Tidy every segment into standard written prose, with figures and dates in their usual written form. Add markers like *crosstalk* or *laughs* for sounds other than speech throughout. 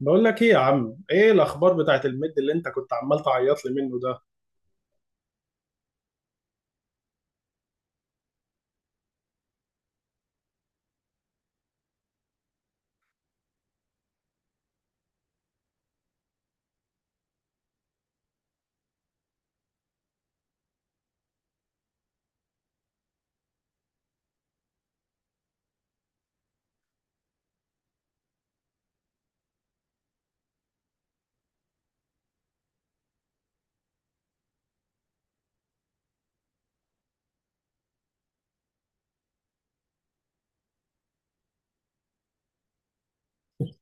بقول لك ايه يا عم، ايه الاخبار بتاعت الميد اللي انت كنت عمال تعيط لي منه ده؟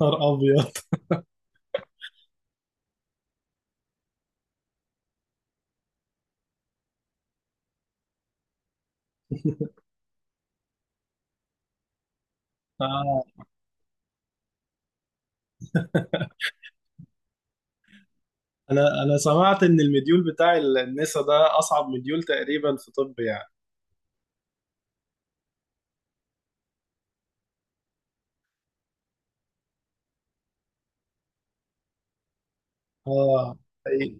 نهار ابيض. *laughs* آه. انا سمعت ان المديول بتاع النسا ده اصعب مديول تقريبا في طب يعني. اه. إيه،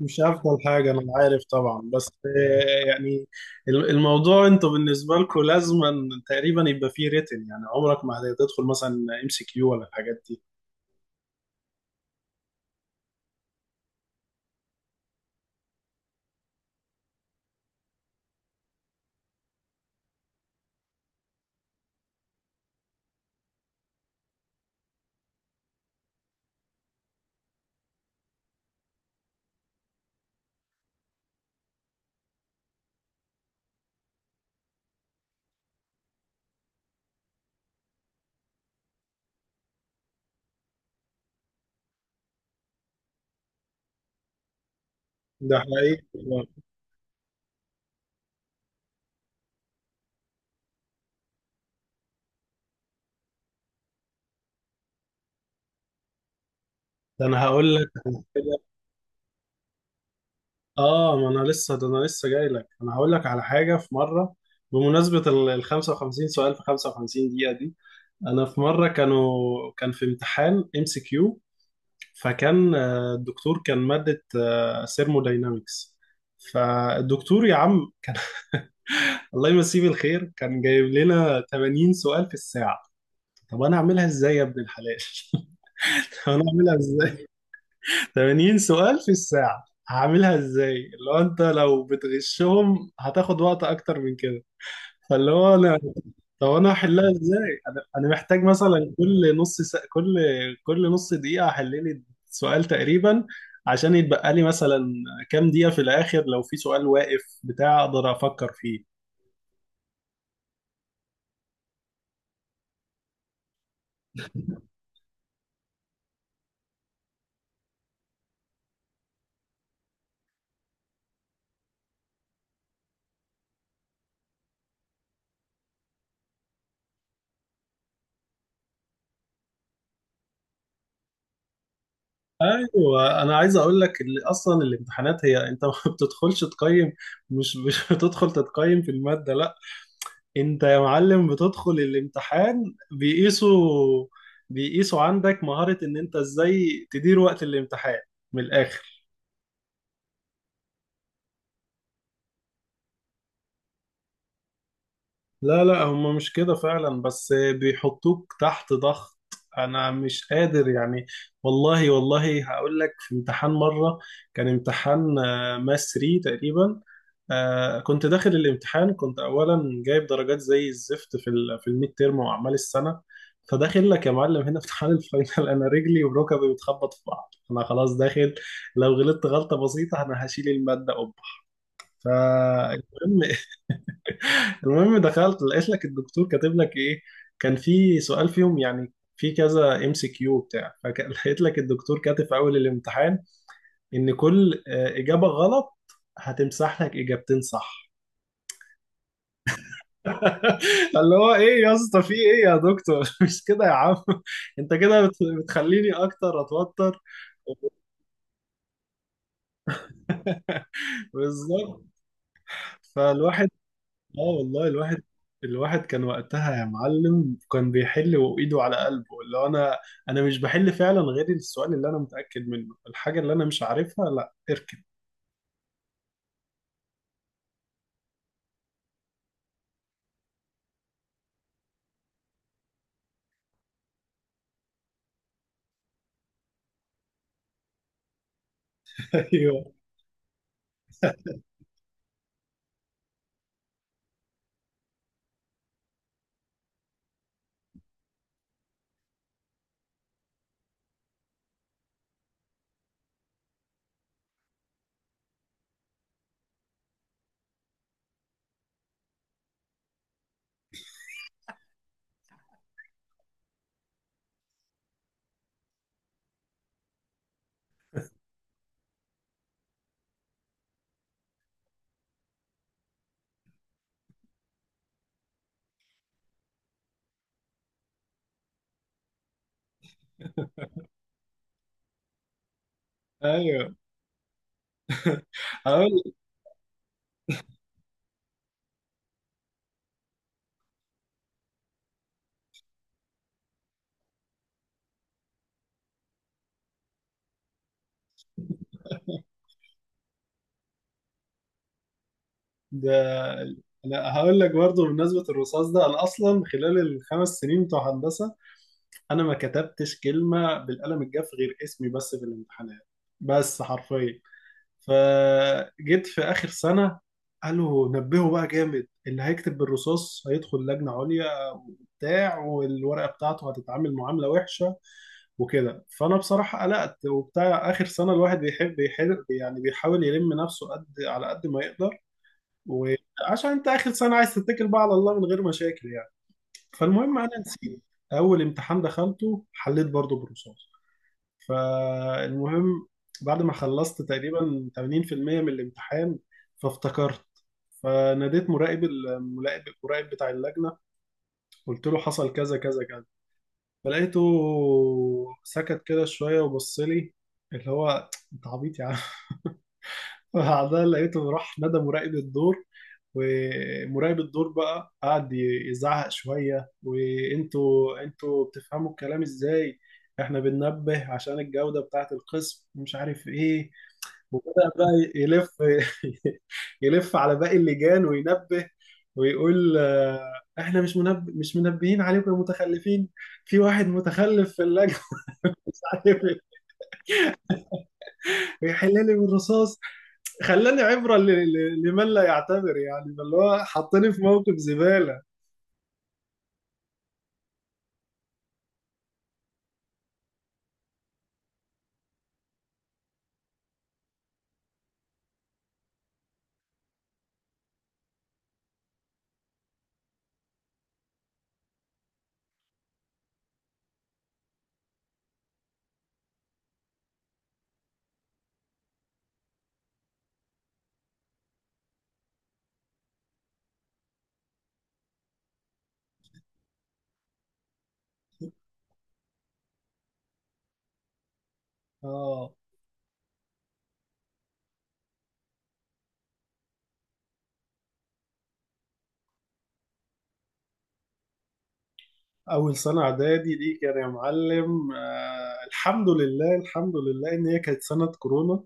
مش افضل حاجه، انا عارف طبعا، بس يعني الموضوع انتوا بالنسبه لكم لازما تقريبا يبقى فيه ريتن، يعني عمرك ما هتدخل مثلا ام سي كيو ولا الحاجات دي. ده حقيقي. ده انا هقول لك. اه، ما انا لسه، ده انا لسه جاي لك، انا هقول لك على حاجه. في مره، بمناسبه ال 55 سؤال في 55 دقيقه دي، انا في مره كان في امتحان ام سي كيو، فكان آه، الدكتور كان ماده ثيرموداينامكس. فالدكتور يا عم كان *laughs* الله يمسيه بالخير، كان جايب لنا 80 سؤال في الساعه. طب انا اعملها ازاي يا ابن الحلال؟ *laughs* انا اعملها ازاي؟ 80 سؤال في الساعة هعملها ازاي؟ اللي هو انت لو بتغشهم هتاخد وقت اكتر من كده. فاللي هو انا طب انا هحلها ازاي؟ انا محتاج مثلا كل نص دقيقة احل لي سؤال تقريبا، عشان يتبقى لي مثلا كام دقيقة في الاخر، لو في سؤال واقف بتاع اقدر افكر فيه. ايوه انا عايز اقول لك اللي اصلا الامتحانات، هي انت ما *laughs* بتدخلش تقيم. مش بتدخل تتقيم في المادة، لا. انت يا معلم بتدخل الامتحان، بيقيسوا عندك مهارة ان انت ازاي تدير وقت الامتحان، من الاخر. لا، لا، هم مش كده فعلا، بس بيحطوك تحت ضغط، انا مش قادر يعني. والله والله هقول لك. في امتحان مره، كان امتحان ماس 3 تقريبا. كنت داخل الامتحان، كنت اولا جايب درجات زي الزفت في في الميد تيرم واعمال السنه. فداخل لك يا معلم هنا امتحان الفاينل، انا رجلي وركبي بتخبط في بعض، انا خلاص داخل. لو غلطت غلطه بسيطه انا هشيل الماده قبح. فالمهم المهم دخلت لقيت لك الدكتور كاتب لك ايه. كان في سؤال فيهم، يعني في كذا ام سي كيو بتاع، فلقيت *laughs* لك الدكتور كاتب في اول الامتحان ان كل اجابه غلط هتمسح لك اجابتين صح. *laughs* اللي هو ايه يا اسطى، في ايه يا دكتور؟ *laughs* مش كده يا عم. *laughs* انت كده بتخليني اكتر اتوتر. *laughs* بالظبط. فالواحد اه والله، الواحد، كان وقتها يا معلم كان بيحل وايده على قلبه، اللي هو انا، انا مش بحل فعلا غير السؤال اللي انا متاكد منه، الحاجه اللي انا مش عارفها لا اركن. *laughs* ايوه. ايوه، هقول. ده انا هقول لك برضه بمناسبه الرصاص ده. انا اصلا خلال الخمس سنين بتوع هندسه انا ما كتبتش كلمه بالقلم الجاف غير اسمي بس في الامتحانات، بس حرفيا. فجيت في آخر سنة، قالوا نبهوا بقى جامد، اللي هيكتب بالرصاص هيدخل لجنة عليا وبتاع، والورقة بتاعته هتتعامل معاملة وحشة وكده. فأنا بصراحة قلقت وبتاع، آخر سنة الواحد يحب يعني بيحاول يلم نفسه قد على قد ما يقدر، وعشان أنت آخر سنة عايز تتكل بقى على الله من غير مشاكل يعني. فالمهم أنا نسيت. أول امتحان دخلته حليت برضه بالرصاص. فالمهم، بعد ما خلصت تقريبا 80% من الامتحان فافتكرت، فناديت مراقب المراقب المراقب بتاع اللجنة. قلت له حصل كذا كذا كذا. فلقيته سكت كده شوية وبص لي، اللي هو انت عبيط يا عم. بعدها لقيته راح نادى مراقب الدور، ومراقب الدور بقى قعد يزعق شوية. وانتوا بتفهموا الكلام ازاي؟ احنا بننبه عشان الجودة بتاعة القسم، ومش عارف ايه. وبدأ بقى يلف *laughs* يلف على باقي اللجان وينبه ويقول، احنا مش مش منبهين عليكم يا متخلفين، في واحد متخلف في اللجنة. *laughs* مش عارف إيه. ويحل لي بالرصاص، خلاني عبرة لمن لا يعتبر يعني، اللي هو حطني في موقف زبالة. اه. أول سنة إعدادي دي كان يا معلم، الحمد لله، الحمد لله إن هي كانت سنة كورونا.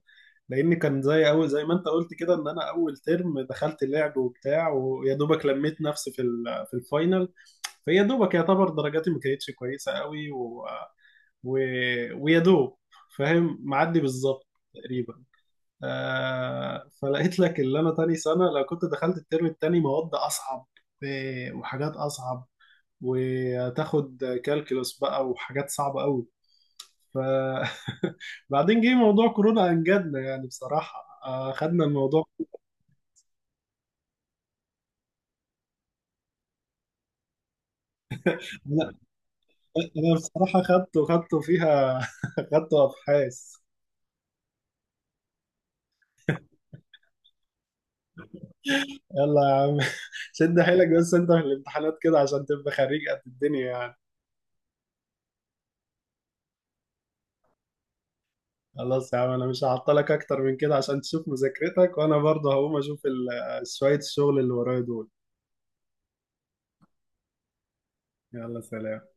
لأن كان زي، أول زي ما أنت قلت كده، إن أنا أول ترم دخلت لعب وبتاع، ويا دوبك لميت نفسي في في الفاينل. فيا دوبك يعتبر درجاتي ما كانتش كويسة قوي، و... ويا دوب فاهم معدي بالظبط تقريبا. فلقيت لك اللي انا تاني سنه، لو كنت دخلت الترم التاني مواد اصعب وحاجات اصعب، وتاخد كالكولس بقى وحاجات صعبه قوي. ف *laughs* بعدين جه موضوع كورونا انجدنا يعني بصراحه، خدنا الموضوع. انا أنا بصراحه خدته فيها *laughs* خدته ابحاث. يلا يا عم. *laughs* شد حيلك بس انت في الامتحانات كده عشان تبقى خريج قد الدنيا يعني. خلاص يا عم، انا مش هعطلك اكتر من كده عشان تشوف مذاكرتك، وانا برضه هقوم اشوف شوية الشغل اللي ورايا دول. يلا سلام.